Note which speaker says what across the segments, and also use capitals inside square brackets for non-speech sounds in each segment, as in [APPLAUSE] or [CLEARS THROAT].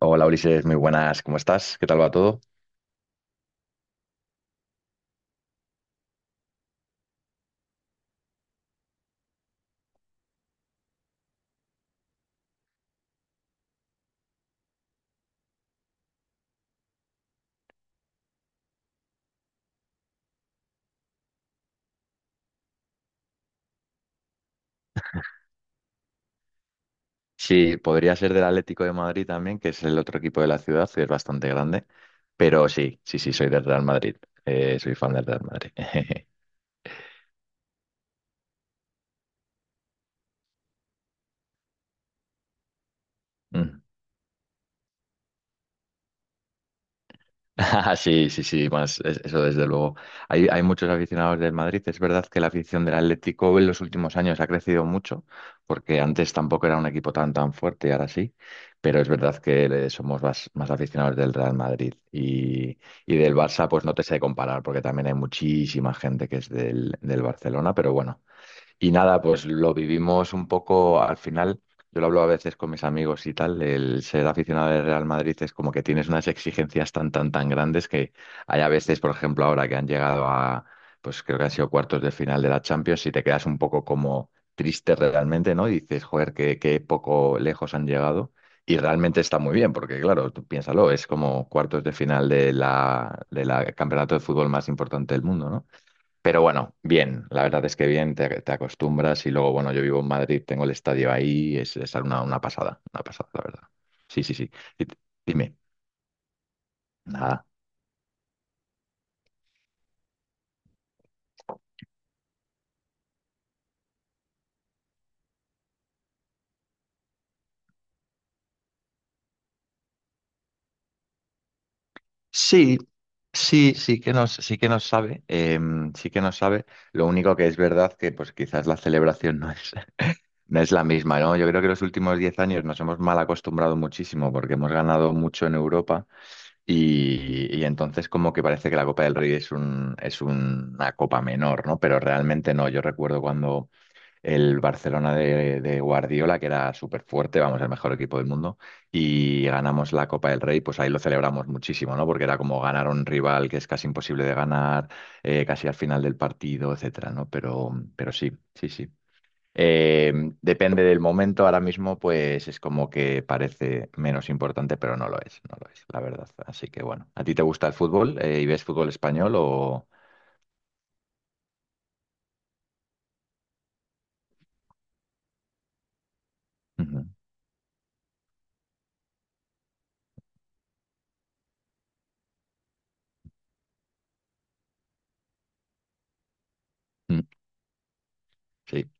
Speaker 1: Hola Ulises, muy buenas, ¿cómo estás? ¿Qué tal va todo? Sí, podría ser del Atlético de Madrid también, que es el otro equipo de la ciudad, que es bastante grande, pero sí, sí, sí, soy del Real Madrid. Soy fan del Real Madrid. [LAUGHS] [LAUGHS] Sí, sí, sí, más eso desde luego. Hay muchos aficionados del Madrid. Es verdad que la afición del Atlético en los últimos años ha crecido mucho, porque antes tampoco era un equipo tan fuerte y ahora sí, pero es verdad que somos más aficionados del Real Madrid, y del Barça, pues no te sé comparar, porque también hay muchísima gente que es del Barcelona, pero bueno, y nada, pues lo vivimos un poco al final. Yo lo hablo a veces con mis amigos y tal. El ser aficionado del Real Madrid es como que tienes unas exigencias tan, tan, tan grandes que hay a veces, por ejemplo, ahora que han llegado a, pues creo que han sido cuartos de final de la Champions, y te quedas un poco como triste realmente, ¿no? Y dices, joder, qué poco lejos han llegado. Y realmente está muy bien, porque claro, tú piénsalo, es como cuartos de final de la campeonato de fútbol más importante del mundo, ¿no? Pero bueno, bien, la verdad es que bien, te acostumbras, y luego, bueno, yo vivo en Madrid, tengo el estadio ahí, es una pasada, una pasada, la verdad. Sí, sí, sí. Y t- Dime, nada. Sí, sí, sí que nos sabe, sí que nos sabe. Lo único que es verdad que pues quizás la celebración no es, [LAUGHS] no es la misma, ¿no? Yo creo que los últimos 10 años nos hemos mal acostumbrado muchísimo porque hemos ganado mucho en Europa. Y entonces, como que parece que la Copa del Rey es es una copa menor, ¿no? Pero realmente no. Yo recuerdo cuando el Barcelona de Guardiola, que era súper fuerte, vamos, el mejor equipo del mundo, y ganamos la Copa del Rey, pues ahí lo celebramos muchísimo, ¿no? Porque era como ganar a un rival que es casi imposible de ganar, casi al final del partido, etcétera, ¿no? Pero sí, sí, sí. Eh, Depende del momento, ahora mismo pues es como que parece menos importante, pero no lo es, no lo es, la verdad. Así que bueno, ¿a ti te gusta el fútbol y ves fútbol español o? Ujú. Mm. Sí.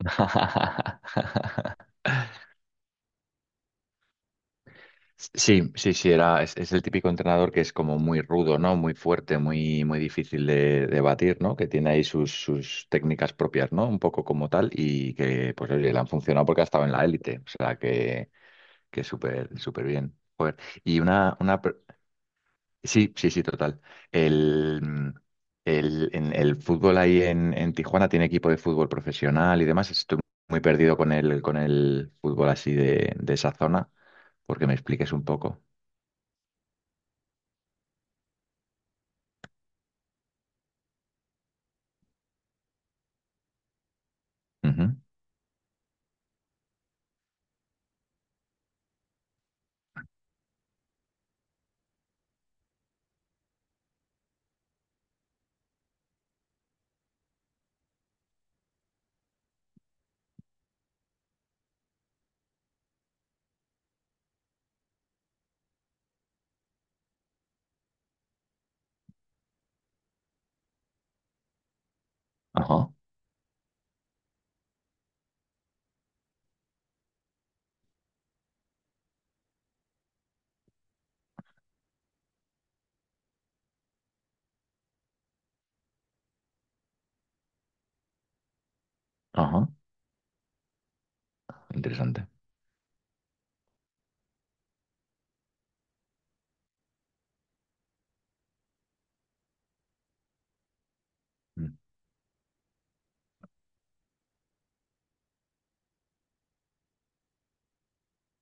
Speaker 1: [LAUGHS] Sí, sí, sí, es el típico entrenador que es como muy rudo, ¿no? Muy fuerte, muy, muy difícil de batir, ¿no? Que tiene ahí sus técnicas propias, ¿no? Un poco como tal, y que, pues, oye, le han funcionado porque ha estado en la élite. O sea, que súper, súper bien. Joder. Y una, una... per- Sí, sí, sí, total. El, mm, el fútbol ahí en, Tijuana tiene equipo de fútbol profesional y demás. Estoy muy perdido con el fútbol así de esa zona, porque me expliques un poco. Ujú. Ajá, ajá. Interesante. Mm.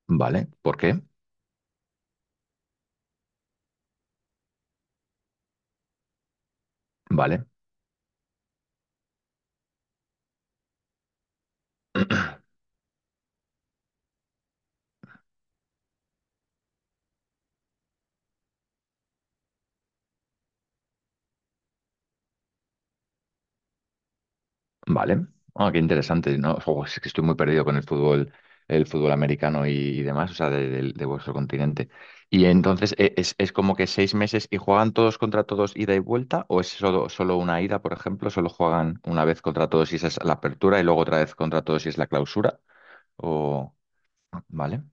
Speaker 1: Vale, ¿por qué? Vale. [CLEARS THROAT] Vale. Ah, qué interesante, ¿no? Jo, es que estoy muy perdido con el fútbol americano y demás, o sea, de vuestro continente. Y entonces, ¿es como que 6 meses y juegan todos contra todos ida y vuelta? ¿O es solo, solo una ida, por ejemplo? ¿Solo juegan una vez contra todos y esa es la apertura, y luego otra vez contra todos y es la clausura? O... Vale.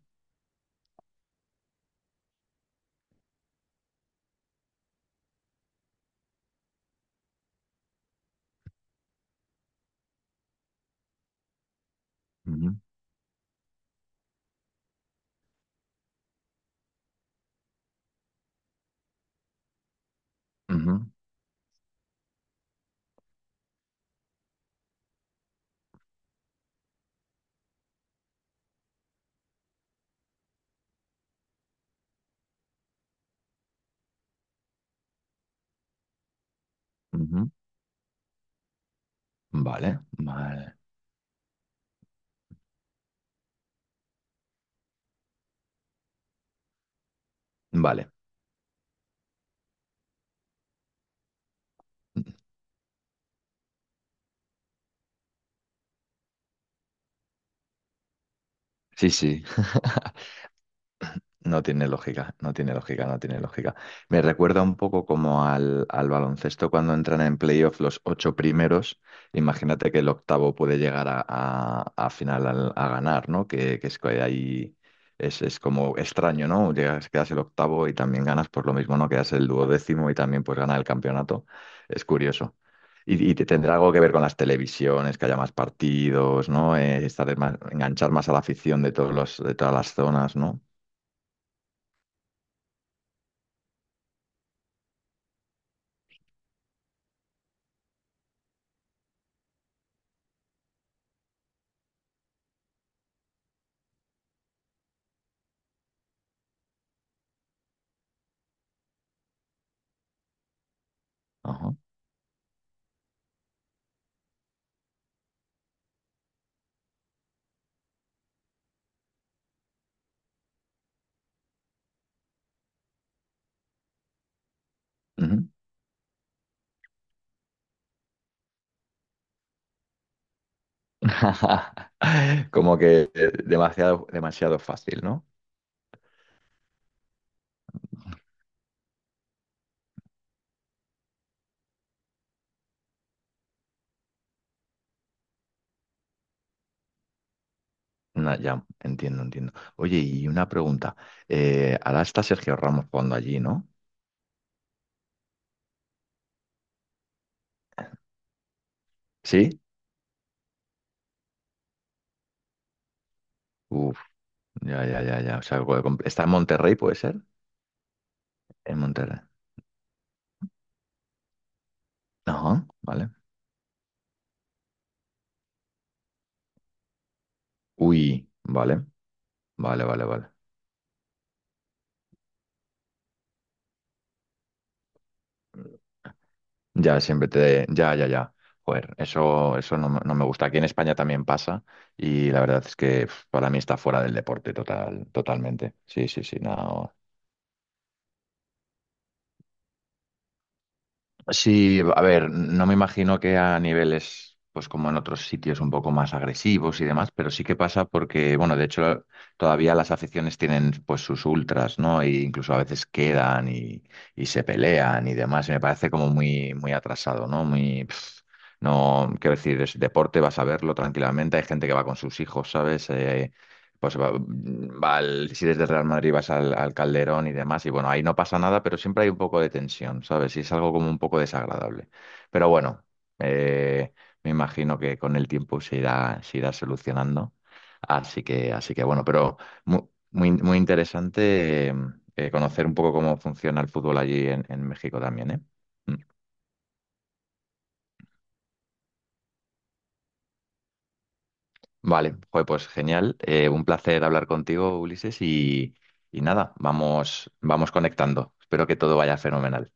Speaker 1: Ujú, ujú, ujú. Vale, vale, vale. Sí, sí. [LAUGHS] No tiene lógica, no tiene lógica, no tiene lógica. Me recuerda un poco como al baloncesto cuando entran en playoff los ocho primeros. Imagínate que el octavo puede llegar a ganar, ¿no? Que es que ahí es como extraño, ¿no? Llegas, quedas el octavo y también ganas por lo mismo, ¿no? Quedas el duodécimo y también pues gana el campeonato. Es curioso. Y tendrá algo que ver con las televisiones, que haya más partidos, ¿no? Enganchar más a la afición de todos los, de todas las zonas, ¿no? Ajá. Ujú. [LAUGHS] Como que demasiado, demasiado fácil, ¿no? Ya, entiendo, entiendo. Oye, y una pregunta. Ahora está Sergio Ramos jugando allí, ¿no? ¿Sí? Uf, ya, ya, ya, ya. O sea, está en Monterrey, ¿puede ser? En Monterrey. Ajá, vale. Uy, vale, vale, vale, vale. Ya, ya, ya, ya. Joder, eso, me no me gusta. Aquí en España también pasa, y la verdad es que para mí está fuera del deporte totalmente. Sí, sí, sí, no. Sí, a ver, no me imagino que a niveles, pues como en otros sitios un poco más agresivos y demás, pero sí que pasa porque, bueno, de hecho todavía las aficiones tienen pues sus ultras, ¿no? E incluso a veces quedan y se pelean y demás, y me parece como muy, muy atrasado, ¿no? No, quiero decir, es deporte, vas a verlo tranquilamente, hay gente que va con sus hijos, ¿sabes? Pues si desde Real Madrid vas al, Calderón y demás, y bueno, ahí no pasa nada, pero siempre hay un poco de tensión, ¿sabes? Y es algo como un poco desagradable. Pero bueno, eh, me imagino que con el tiempo se irá, solucionando. Así que bueno, pero muy, muy, interesante, conocer un poco cómo funciona el fútbol allí en, México también, ¿eh? Vale, joder, pues genial. Un placer hablar contigo, Ulises, y, nada, vamos, vamos conectando. Espero que todo vaya fenomenal.